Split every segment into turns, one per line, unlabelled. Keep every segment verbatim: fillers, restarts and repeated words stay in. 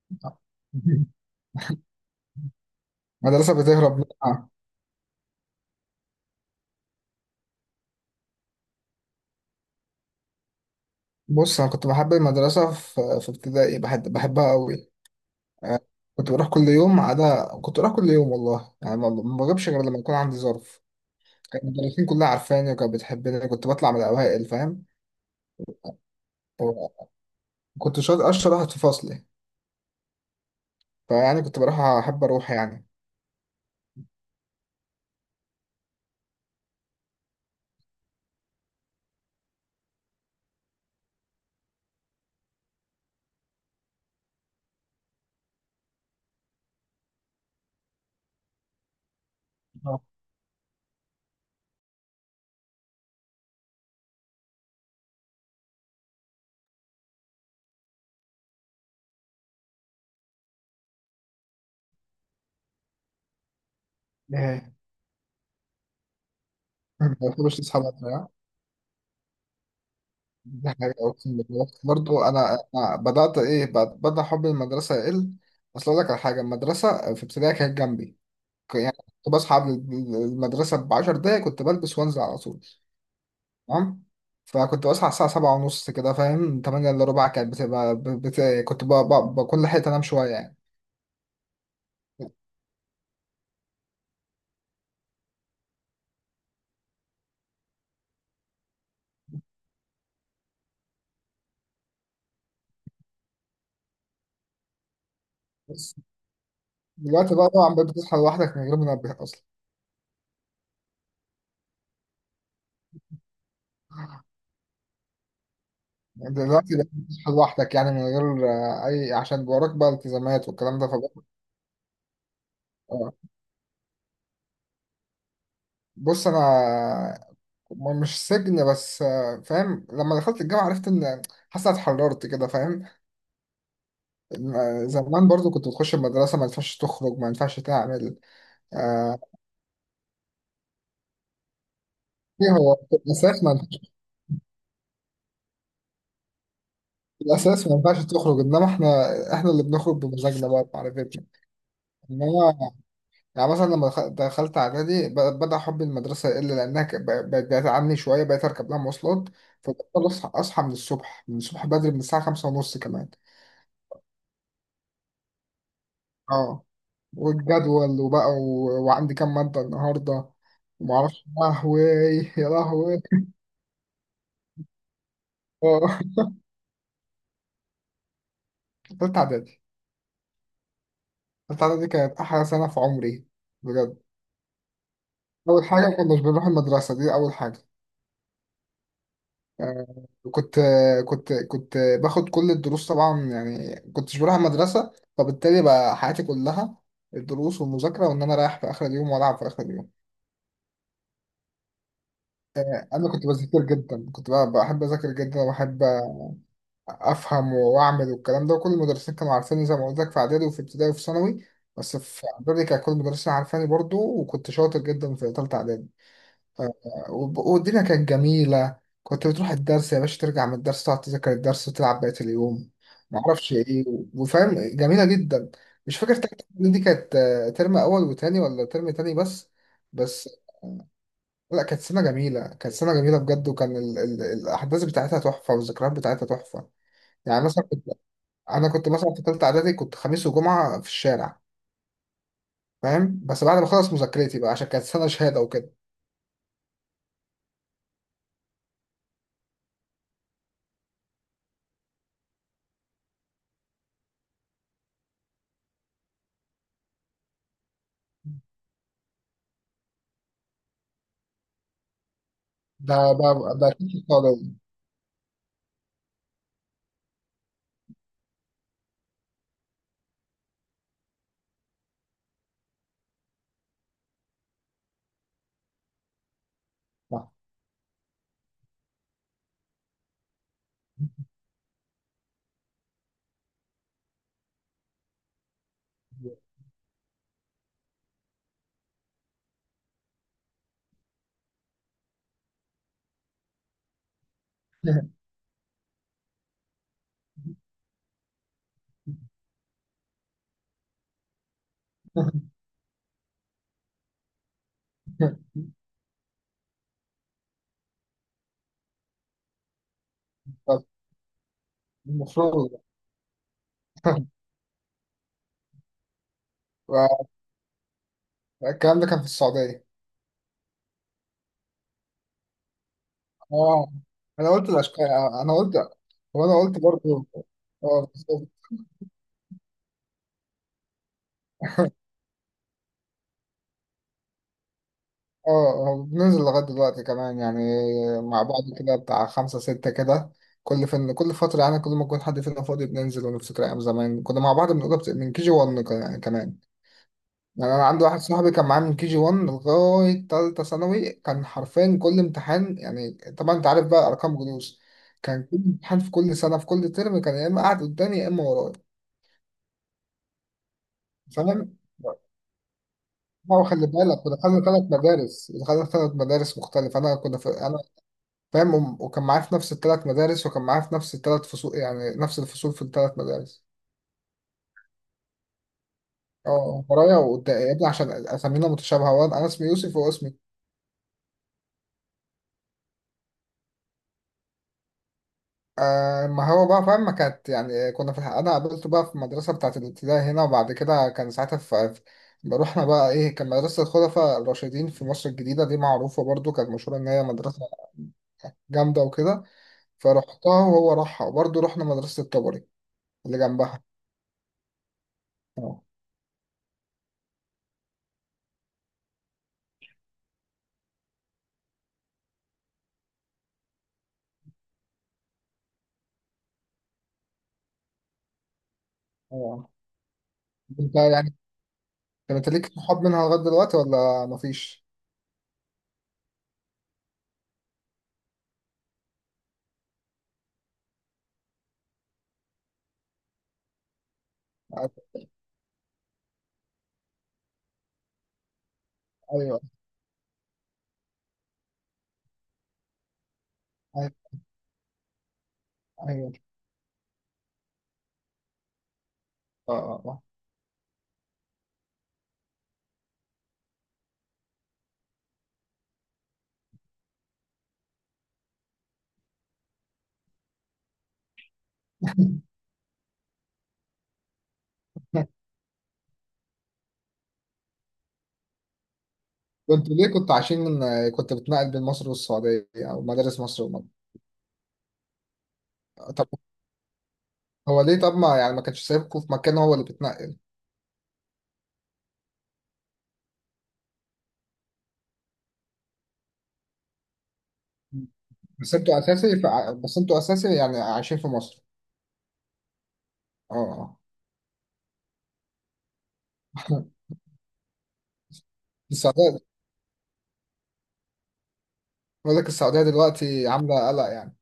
مدرسة بتهرب منها. بص، أنا كنت بحب المدرسة في في ابتدائي، بحب بحبها أوي. كنت بروح كل يوم، ما عدا كنت بروح كل يوم والله، يعني ما ما بغيبش غير لما يكون عندي ظرف. كان المدرسين كلها عارفاني وكانت بتحبني، كنت بطلع من الأوائل، فاهم. و- كنت شاطر، أشطر واحد في فصلي. فيعني كنت بروح، أحب أروح يعني. آه. إيه. ما بحبش تصحى بدري، ها؟ دي حاجة أقسم بالله، برضه أنا أنا بدأت إيه، بدأ بدأ حب المدرسة يقل. أصل أقول لك على حاجة، المدرسة في ابتدائي كانت جنبي، يعني كنت بصحى قبل المدرسة بعشر دقايق، كنت بلبس وانزل على طول. تمام، فكنت بصحى الساعة سبعة ونص كده، فاهم، تمانية إلا ربع كانت بتبقى ب- بت... كنت ب... ب... بكون لحقت أنام شوية يعني. بس دلوقتي بقى طبعا بقيت بتصحى لوحدك من غير منبه أصلا. يعني دلوقتي بقيت بتصحى لوحدك، يعني من غير آه، أي، عشان وراك بقى التزامات والكلام ده، فبقى... آه. بص أنا م- مش سجن، بس آه، فاهم، لما دخلت الجامعة عرفت إن، حاسس إن أنا اتحررت كده، فاهم. م- زمان برضو كنت بتخش المدرسة، ما ينفعش تخرج، ما ينفعش تعمل. آه، إيه، هو في الأساس ما ينفعش، في الأساس ما ينفعش تخرج، إنما إحنا إحنا اللي بنخرج بمزاجنا بقى، بمعرفتنا. إنما يعني مثلا لما دخ- دخلت إعدادي، ب- بدأ حب المدرسة يقل، لأنها ك- ب- بقت بعيدة عني شوية، بقيت أركب لها مواصلات، فبضطر أصحى، أصحى من الصبح، من الصبح بدري، من الساعة خمسة ونص كمان. أه، والجدول وبقى و... وعندي كام مادة النهاردة، ومعرفش، يا لهوي، يا لهوي. أه. تالتة إعدادي، التالتة دي كانت أحلى سنة في عمري، بجد. أول حاجة، ما كناش بنروح المدرسة، دي أول حاجة. آه، كنت كنت كنت باخد كل الدروس طبعا، يعني كنتش بروح المدرسة، فبالتالي بقى حياتي كلها الدروس والمذاكرة، وإن أنا رايح في آخر اليوم وألعب في آخر اليوم. أنا كنت بذاكر جدا، كنت بقى بحب أذاكر جدا، وبحب أفهم وأعمل والكلام ده، وكل المدرسين كانوا عارفيني زي ما قلت لك، في إعدادي وفي ابتدائي وفي ثانوي. بس في إعدادي كان كل المدرسين عارفاني برضو، وكنت شاطر جدا في تالتة إعدادي. آه، وب- والدنيا كانت جميلة، كنت بتروح الدرس يا باشا، ترجع من الدرس تقعد تذاكر الدرس، وتلعب بقية اليوم. معرفش ايه، وفاهم، جميلة جدا. مش فاكر تالتة إعدادي دي كانت آه، ترم أول وتاني، ولا ترم تاني بس. بس لا، كانت سنة جميلة، كانت سنة جميلة بجد، وكان ال ال الأحداث بتاعتها تحفة، والذكريات بتاعتها تحفة. يعني مثلا كنت، أنا كنت مثلا في تالتة إعدادي كنت خميس وجمعة في الشارع، فاهم، بس بعد ما أخلص مذاكرتي بقى، عشان كانت سنة شهادة وكده. ده ده ده أكيد في السعودية. بس المفروض. الكلام ده كان في السعودية. اه، انا قلت الاشكال، انا قلت، هو انا قلت برضه. اه، بالظبط. اه، آه، بننزل لغاية دلوقتي كمان يعني، مع بعض كده، بتاع خمسة ستة كده، كل فين كل فترة، يعني كل ما يكون حد فينا فاضي بننزل ونفتكر أيام زمان، كنا مع بعض من أوضة بت- من كي جي واحد كمان. يعني انا عندي واحد صاحبي كان معايا من كي جي واحد لغايه تالتة ثانوي، كان حرفيا كل امتحان يعني، طبعا انت عارف بقى ارقام جلوس، كان كل امتحان في كل سنه في كل ترم، كان يا اما قاعد قدامي يا اما ورايا. فاهم، هو خلي بالك، ودخلنا ثلاث مدارس، دخلنا ثلاث مدارس مختلفه، انا كنا في انا، فاهم، وم- وكان معايا في نفس الثلاث مدارس، وكان معايا في نفس الثلاث فصول، يعني نفس الفصول في الثلاث مدارس. اه، ورايا وقدام يا ابني، عشان اسامينا متشابهه، وانا أنا اسمي يوسف، وهو اسمه. آه، ما هو بقى فاهم، ما كانت يعني، كنا في الحق انا قابلته بقى في المدرسه بتاعت الابتدائي هنا، وبعد كده كان ساعتها في في- رحنا بقى ايه، كان مدرسه الخلفاء الراشدين في مصر الجديده، دي معروفه برضو، كانت مشهوره ان هي مدرسه جامده وكده. فرحتها وهو راحها، وبرضو رحنا مدرسه الطبري اللي جنبها. اه، اه. انت يعني، طب انت ليك صحاب منها لغايه دلوقتي ولا مفيش؟ ايوه، ايوه، ايوه، اه، اه، اه. كنت ليه، كنت عايشين من، كنت بتنقل بين مصر والسعوديه، او مدارس مصر والمغرب؟ هو ليه طب، ما يعني ما كانش سايبكم في مكان هو اللي بيتنقل؟ بس انتوا اساسي في ع- بس انتوا اساسي يعني عايشين في مصر؟ اه. آه. السعودية. بقول لك السعودية دلوقتي عاملة قلق يعني.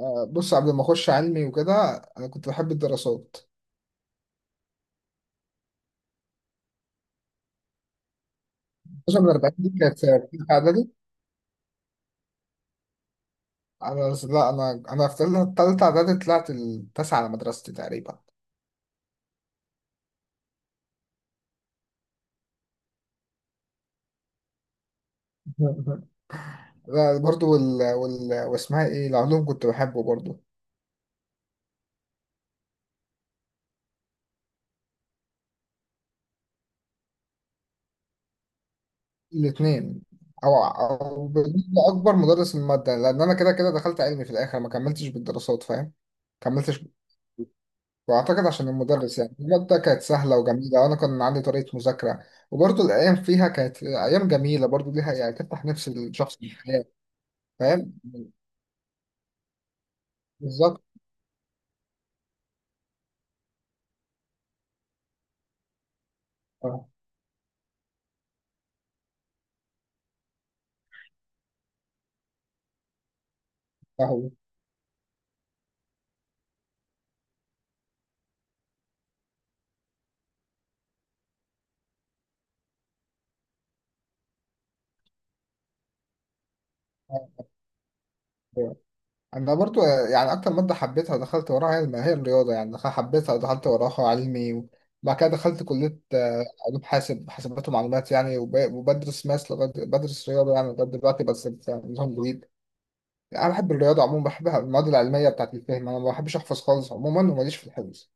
آه، بص قبل ما اخش علمي وكده، انا كنت بحب الدراسات، خصوصا من أربعين، دي كانت في تالتة اعدادي. انا لا انا انا في تالتة تالتة اعدادي طلعت التاسعة على مدرستي تقريبا. لا برضو، وال... وال... واسمها ايه، العلوم كنت بحبه برضو. الاثنين، او او بالنسبه اكبر مدرس الماده، لان انا كده كده دخلت علمي في الاخر، ما كملتش بالدراسات، فاهم، كملتش. واعتقد عشان المدرس، يعني الماده كانت سهله وجميله، وانا كان عندي طريقه مذاكره. وبرضه الايام فيها كانت ايام جميله برضه، ليها يعني تفتح نفس الشخص للحياه، فاهم، بالظبط. اه، فهو. انا برضو يعني اكتر ماده حبيتها ودخلت وراها هي، ما هي الرياضه يعني، دخل- حبيتها ودخلت وراها علمي. وبعد كده دخلت كليه، آه، علوم حاسب، حاسبات ومعلومات يعني، وب- وبدرس ماس لغايه، بدرس رياضه يعني لغايه دلوقتي، بس نظام جديد. انا بحب الرياضه عموما، بحبها، المواد العلميه بتاعت الفهم، انا ما بحبش احفظ خالص عموما، وماليش في الحفظ